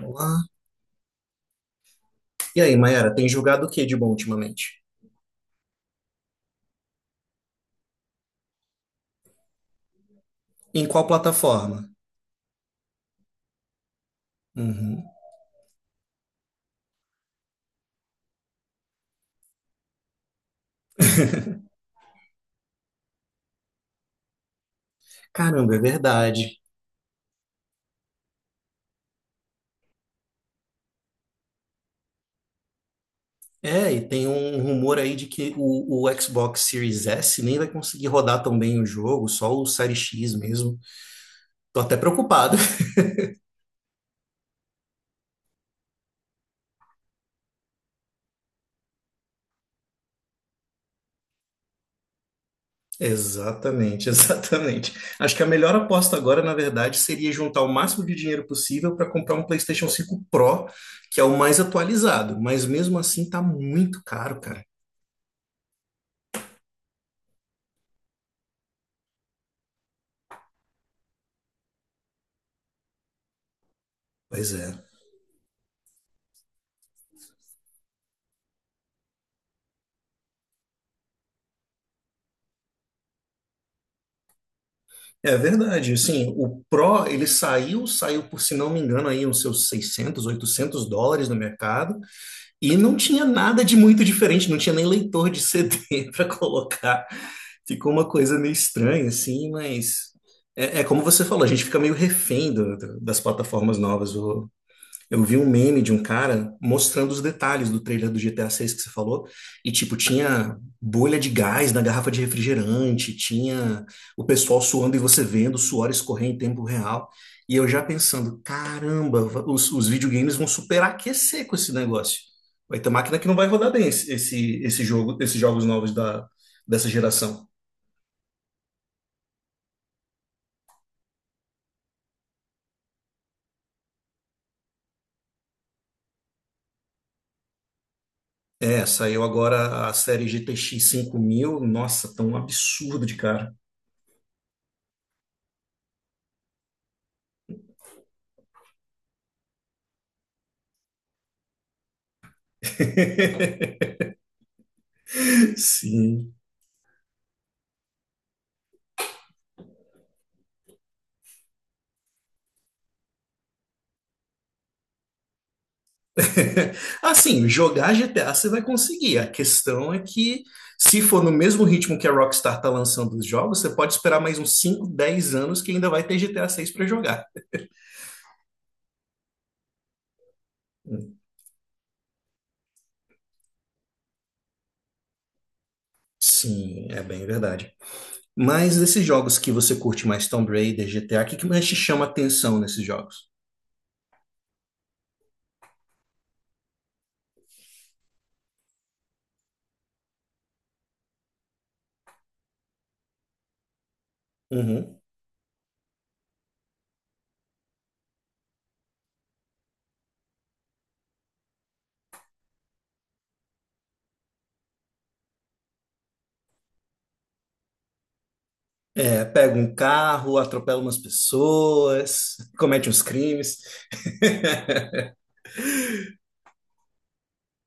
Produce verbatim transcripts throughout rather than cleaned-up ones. Olá. E aí, Mayara, tem jogado o que de bom ultimamente? Em qual plataforma? Uhum. Caramba, é verdade. É, e tem um rumor aí de que o, o Xbox Series S nem vai conseguir rodar tão bem o jogo, só o Series X mesmo. Tô até preocupado. Exatamente, exatamente. Acho que a melhor aposta agora, na verdade, seria juntar o máximo de dinheiro possível para comprar um PlayStation cinco Pro, que é o mais atualizado, mas mesmo assim tá muito caro, cara. Pois é. É verdade, assim, o Pro, ele saiu, saiu por, se não me engano, aí uns seus seiscentos, oitocentos dólares no mercado, e não tinha nada de muito diferente, não tinha nem leitor de C D para colocar. Ficou uma coisa meio estranha, assim, mas é, é como você falou, a gente fica meio refém do- do- das plataformas novas. Eu vi um meme de um cara mostrando os detalhes do trailer do G T A seis que você falou, e tipo, tinha bolha de gás na garrafa de refrigerante, tinha o pessoal suando e você vendo o suor escorrer em tempo real. E eu já pensando, caramba, va- os, os videogames vão superaquecer com esse negócio. Vai ter máquina que não vai rodar bem esse, esse, esse jogo, esses jogos novos da, dessa geração. É, saiu agora a série GTX mil. Nossa, tão absurdo de cara. Sim. Assim, jogar G T A você vai conseguir. A questão é que, se for no mesmo ritmo que a Rockstar tá lançando os jogos, você pode esperar mais uns cinco dez anos que ainda vai ter G T A seis para jogar. Sim, é bem verdade. Mas desses jogos que você curte mais, Tomb Raider, G T A, o que que mais te chama atenção nesses jogos? Uhum. É, pega um carro, atropela umas pessoas, comete uns crimes.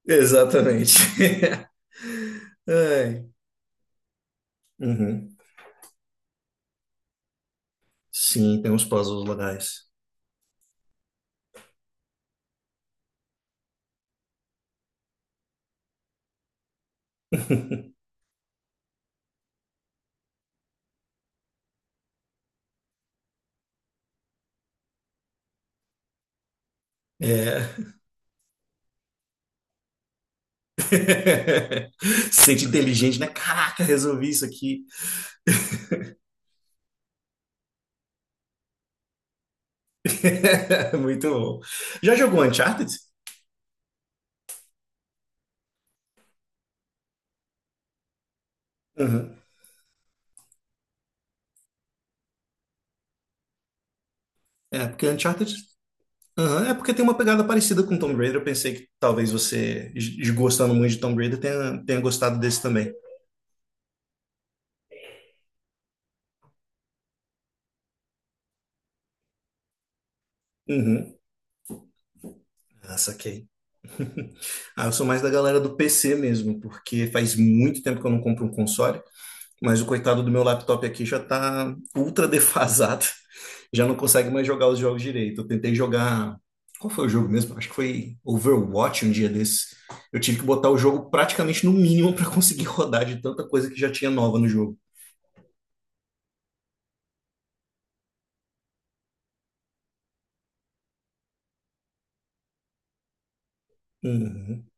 Exatamente. Ai. Uhum. Sim, tem uns puzzles legais. É. Se sente inteligente, né? Caraca, resolvi isso aqui. Muito bom. Já jogou Uncharted? Uhum. É, porque Uncharted. Uhum. É porque tem uma pegada parecida com Tomb Raider. Eu pensei que talvez você, g- gostando muito de Tomb Raider, tenha, tenha gostado desse também. Uhum. Ah, saquei. Ah, eu sou mais da galera do P C mesmo, porque faz muito tempo que eu não compro um console. Mas o coitado do meu laptop aqui já tá ultra defasado. Já não consegue mais jogar os jogos direito. Eu tentei jogar. Qual foi o jogo mesmo? Acho que foi Overwatch um dia desse. Eu tive que botar o jogo praticamente no mínimo para conseguir rodar de tanta coisa que já tinha nova no jogo. Uhum,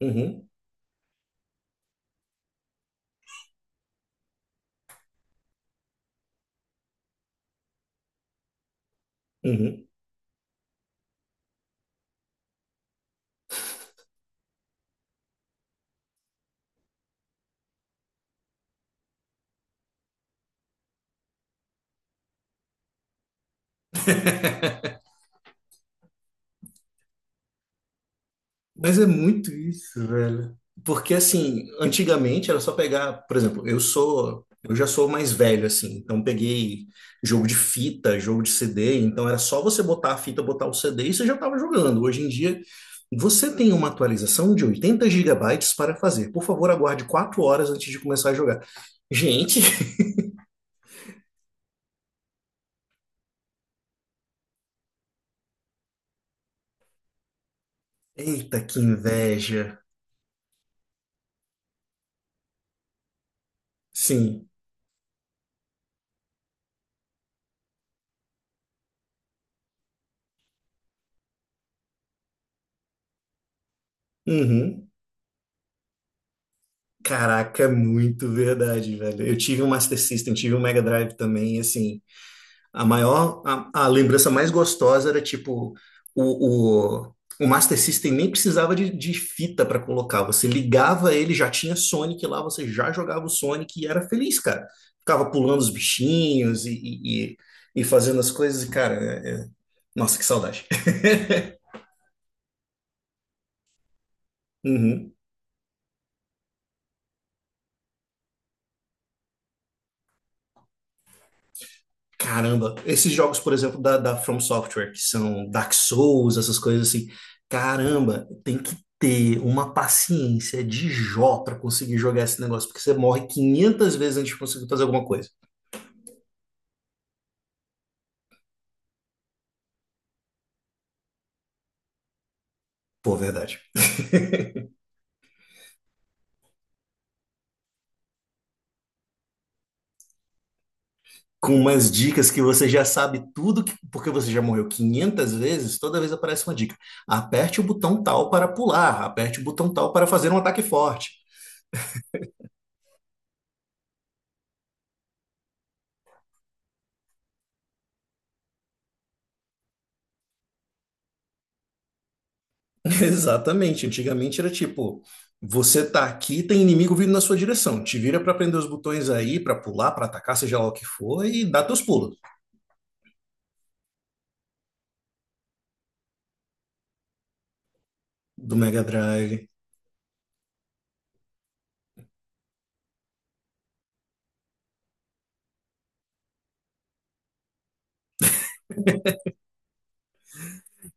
uhum, uhum. Mas é muito isso, velho. Porque assim, antigamente era só pegar, por exemplo, eu sou, eu já sou mais velho assim, então peguei jogo de fita, jogo de C D, então era só você botar a fita, botar o C D e você já estava jogando. Hoje em dia, você tem uma atualização de oitenta gigabytes para fazer. Por favor, aguarde quatro horas antes de começar a jogar. Gente, eita, que inveja. Sim. Uhum. Caraca, é muito verdade, velho. Eu tive um Master System, tive um Mega Drive também, e assim, a maior, a, a lembrança mais gostosa era tipo o, o, o Master System nem precisava de, de fita para colocar. Você ligava ele, já tinha Sonic lá, você já jogava o Sonic e era feliz, cara. Ficava pulando os bichinhos e, e, e- e fazendo as coisas, e, cara, é- é- nossa, que saudade. Uhum. Caramba, esses jogos, por exemplo, da, da From Software, que são Dark Souls, essas coisas assim, caramba, tem que ter uma paciência de Jó pra conseguir jogar esse negócio, porque você morre quinhentas vezes antes de conseguir fazer alguma coisa. Pô, verdade. Com umas dicas que você já sabe tudo, que- porque você já morreu quinhentas vezes, toda vez aparece uma dica. Aperte o botão tal para pular, aperte o botão tal para fazer um ataque forte. Exatamente. Antigamente era tipo, você tá aqui, tem inimigo vindo na sua direção. Te vira pra prender os botões aí, pra pular, pra atacar, seja lá o que for, e dá teus pulos. Do Mega Drive.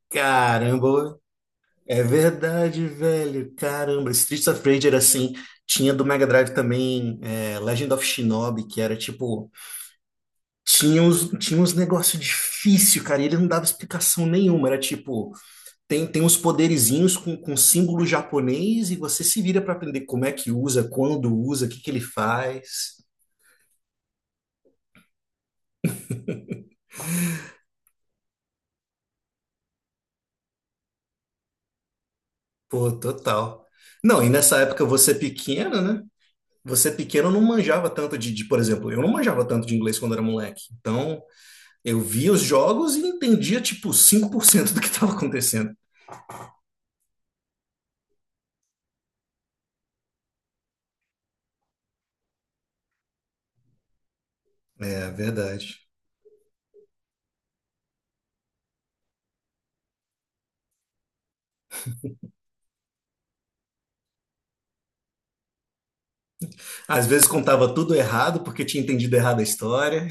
Caramba, é verdade, velho. Caramba, Streets of Rage era assim. Tinha do Mega Drive também é, Legend of Shinobi, que era tipo. Tinha uns, tinha uns negócios difíceis, cara, e ele não dava explicação nenhuma. Era tipo. Tem, tem uns poderizinhos com, com símbolo japonês e você se vira para aprender como é que usa, quando usa, o que que ele faz. Pô, total. Não, e nessa época você pequeno, né? Você pequeno não manjava tanto de, de, por exemplo, eu não manjava tanto de inglês quando era moleque. Então, eu via os jogos e entendia, tipo, cinco por cento do que estava acontecendo. É, verdade. Às vezes contava tudo errado porque tinha entendido errado a história.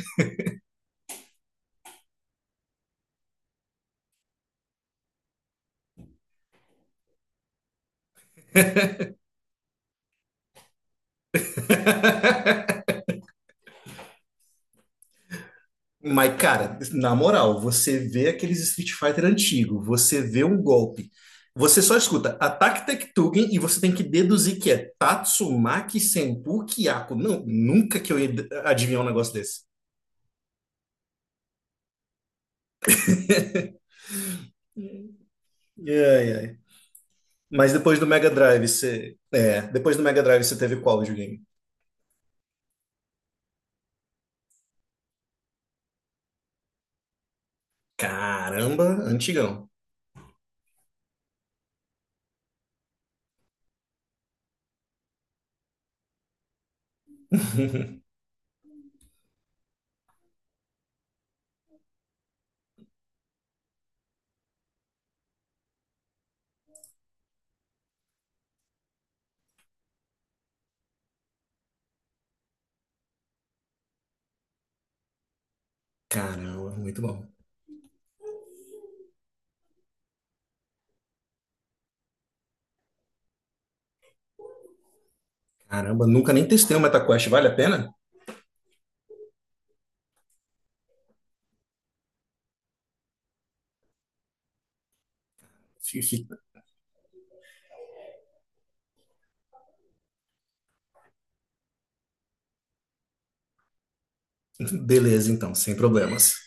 Mas, cara, na moral, você vê aqueles Street Fighter antigo, você vê um golpe, você só escuta ataque Tektugen e você tem que deduzir que é Tatsumaki Senpu Kiyako. Não, nunca que eu ia adivinhar um negócio desse. Ai, ai. Mas depois do Mega Drive, você. É, depois do Mega Drive você teve qual videogame? Caramba, antigão. Caramba, muito bom. Caramba, nunca nem testei o MetaQuest, vale a pena? Fi- fi- Beleza, então, sem problemas.